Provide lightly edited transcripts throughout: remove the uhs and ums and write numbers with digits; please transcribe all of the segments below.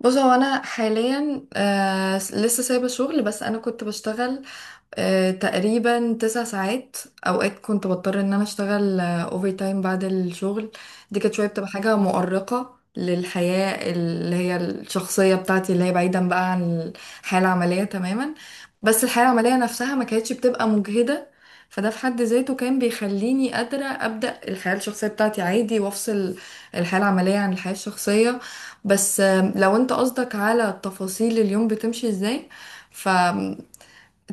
بص هو انا حاليا لسه سايبه شغل، بس انا كنت بشتغل تقريبا 9 ساعات. اوقات كنت بضطر ان انا اشتغل اوفر تايم بعد الشغل. دي كانت شويه بتبقى حاجه مؤرقه للحياه اللي هي الشخصيه بتاعتي، اللي هي بعيدا بقى عن الحياه العمليه تماما. بس الحياه العمليه نفسها ما كانتش بتبقى مجهده، فده في حد ذاته كان بيخليني قادره ابدا الحياه الشخصيه بتاعتي عادي، وافصل الحياه العمليه عن الحياه الشخصيه. بس لو انت قصدك على تفاصيل اليوم بتمشي ازاي،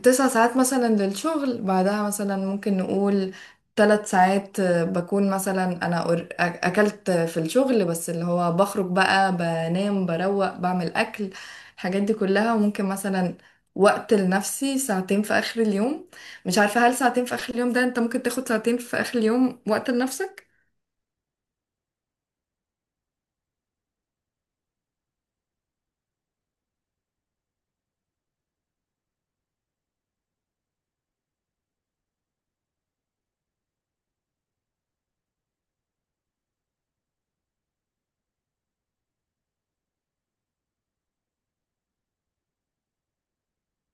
9 ساعات مثلا للشغل، بعدها مثلا ممكن نقول 3 ساعات بكون مثلا انا اكلت في الشغل، بس اللي هو بخرج بقى، بنام، بروق، بعمل اكل، الحاجات دي كلها. وممكن مثلا وقت لنفسي ساعتين في اخر اليوم. مش عارفة، هل ساعتين في اخر اليوم ده انت ممكن تاخد ساعتين في اخر اليوم وقت لنفسك؟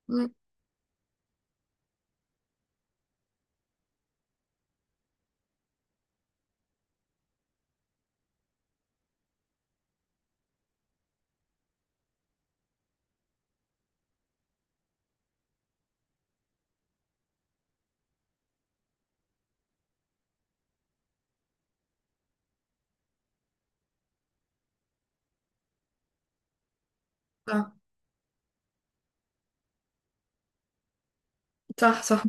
مم، صح صح صح.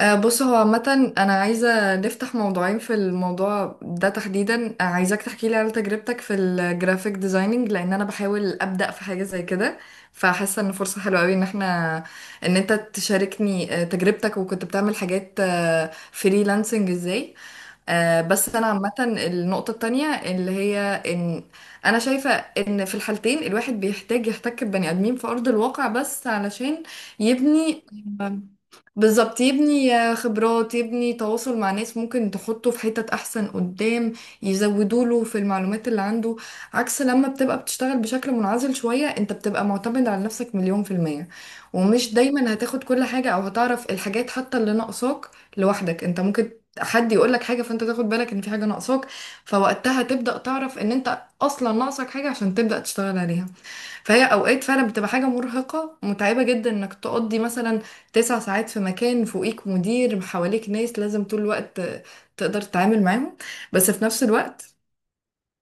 بص هو عامة أنا عايزة نفتح موضوعين في الموضوع ده تحديدا. عايزاك تحكي لي على تجربتك في الجرافيك ديزايننج، لأن أنا بحاول أبدأ في حاجة زي كده، فحاسة إن فرصة حلوة أوي إن احنا، إن أنت تشاركني تجربتك، وكنت بتعمل حاجات فريلانسنج إزاي. بس أنا عامة النقطة التانية اللي هي إن أنا شايفة إن في الحالتين الواحد بيحتاج يحتك ببني آدمين في أرض الواقع، بس علشان يبني، بالظبط، يبني خبرات، يبني تواصل مع ناس ممكن تحطه في حتت احسن قدام، يزودوا له في المعلومات اللي عنده. عكس لما بتبقى بتشتغل بشكل منعزل شوية، انت بتبقى معتمد على نفسك مليون%، ومش دايما هتاخد كل حاجة، او هتعرف الحاجات حتى اللي ناقصاك لوحدك. انت ممكن حد يقول لك حاجة، فانت تاخد بالك ان في حاجة ناقصاك، فوقتها تبدأ تعرف ان انت اصلا ناقصك حاجة عشان تبدأ تشتغل عليها. فهي اوقات فعلا بتبقى حاجه مرهقه متعبه جدا انك تقضي مثلا 9 ساعات في مكان، فوقيك مدير، حواليك ناس لازم طول الوقت تقدر تتعامل معاهم. بس في نفس الوقت،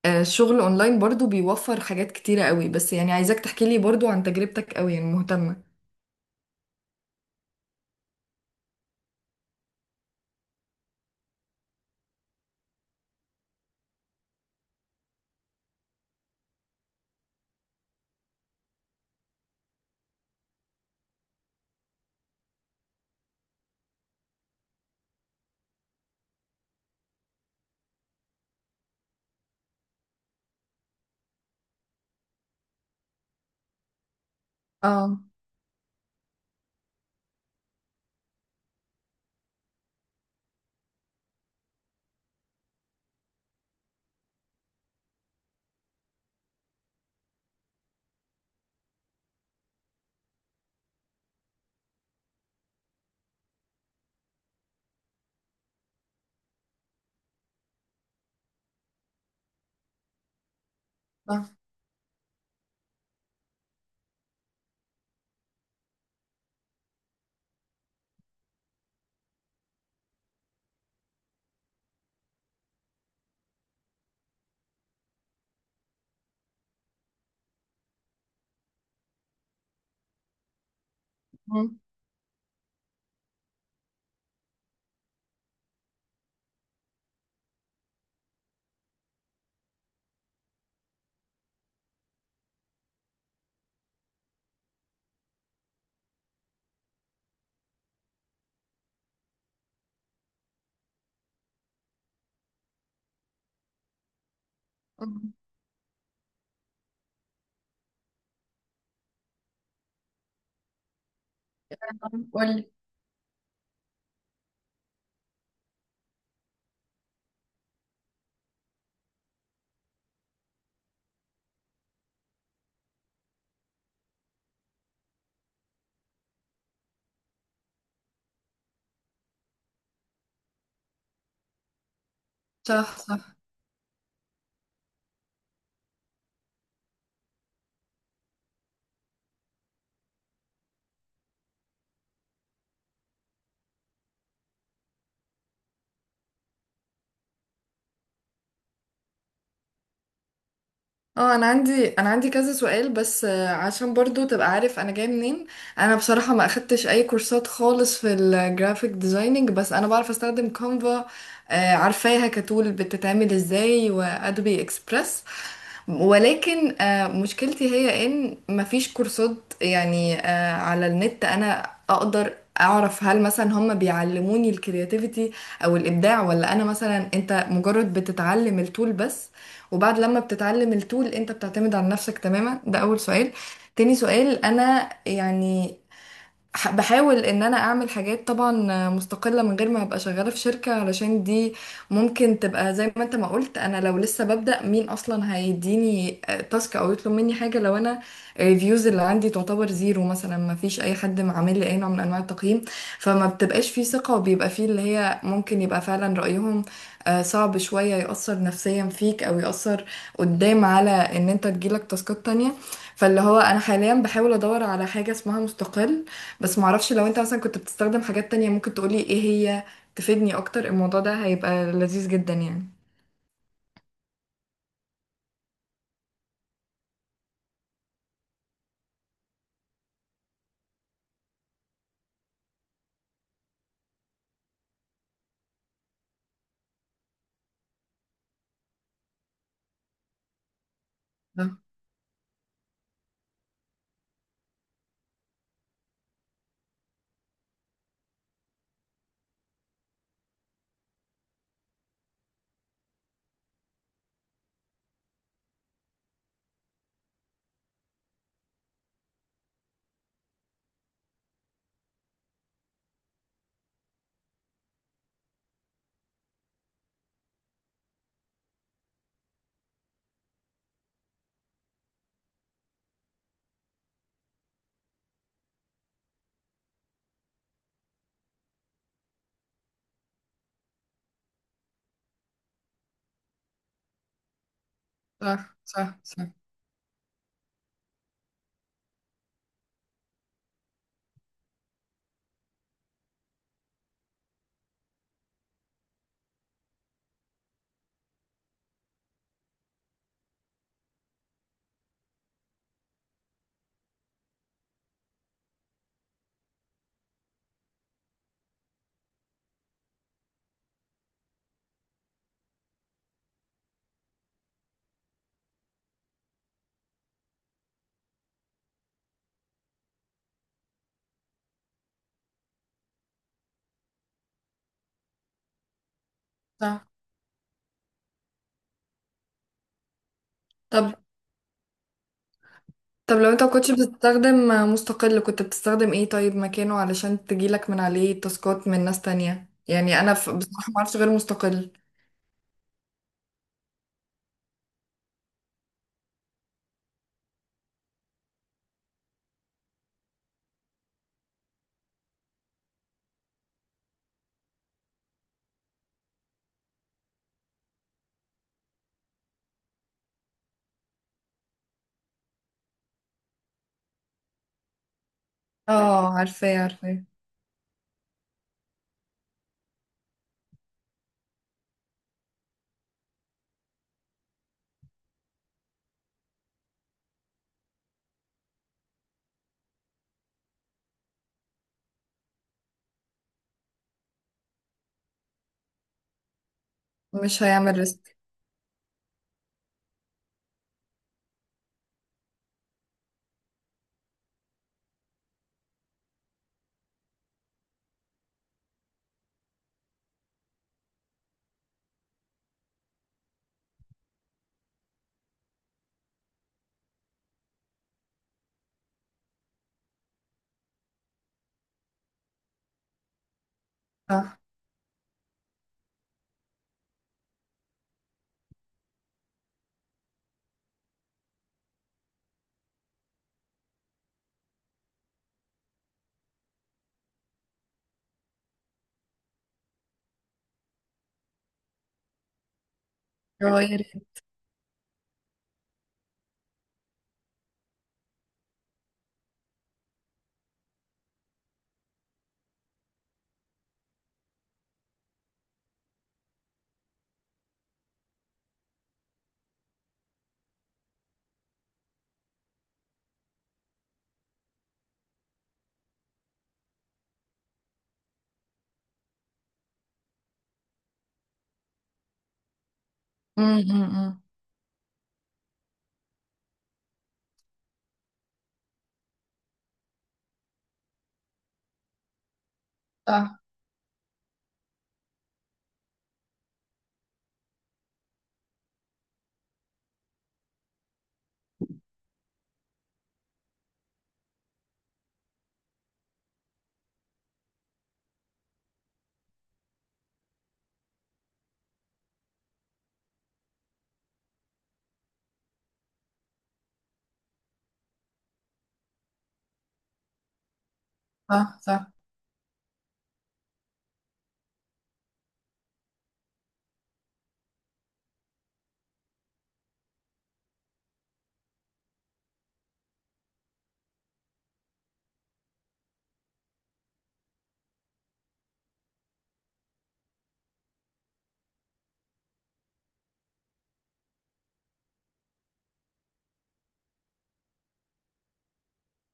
الشغل اونلاين برضو بيوفر حاجات كتيره قوي، بس يعني عايزاك تحكي لي برضو عن تجربتك، قوي يعني مهتمه. اه، صح. مم. مم. قولي. صح. اه، انا عندي كذا سؤال، بس عشان برضو تبقى عارف انا جايه منين. انا بصراحه ما اخدتش اي كورسات خالص في الجرافيك ديزايننج، بس انا بعرف استخدم كانفا، عارفاها كتول بتتعمل ازاي، وادوبي اكسبريس. ولكن مشكلتي هي ان مفيش كورسات، يعني على النت انا اقدر اعرف هل مثلا هم بيعلموني الكرياتيفيتي او الابداع، ولا انا مثلا، انت مجرد بتتعلم التول بس، وبعد لما بتتعلم التول انت بتعتمد على نفسك تماما. ده اول سؤال. تاني سؤال، انا يعني بحاول ان انا اعمل حاجات طبعا مستقلة من غير ما ابقى شغالة في شركة، علشان دي ممكن تبقى زي ما انت ما قلت، انا لو لسه ببدأ مين اصلا هيديني تاسك او يطلب مني حاجة؟ لو انا الريفيوز اللي عندي تعتبر زيرو مثلا، ما فيش اي حد عامل لي اي نوع من انواع التقييم، فما بتبقاش فيه ثقة، وبيبقى فيه اللي هي ممكن يبقى فعلا رأيهم صعب شوية، يأثر نفسيا فيك، او يأثر قدام على ان انت تجيلك تاسكات تانية. فاللي هو انا حاليا بحاول ادور على حاجة اسمها مستقل، بس معرفش، لو انت مثلا كنت بتستخدم حاجات تانية ممكن تقولي ايه هي؟ تفيدني اكتر، الموضوع ده هيبقى لذيذ جدا يعني. صح صح صح صح صح. طب طب لو انت مكنتش بتستخدم مستقل كنت بتستخدم ايه طيب مكانه، علشان تجيلك من عليه تاسكات من ناس تانية؟ يعني انا بصراحة معرفش غير مستقل. اه، عارفاه عارفاه. مش هيعمل ريسك. صح. يغير. امم. صح صح صح.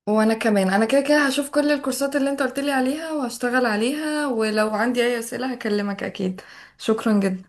وانا كمان انا كده كده هشوف كل الكورسات اللي انت قلت لي عليها، وهشتغل عليها، ولو عندي اي اسئلة هكلمك اكيد. شكرا جدا.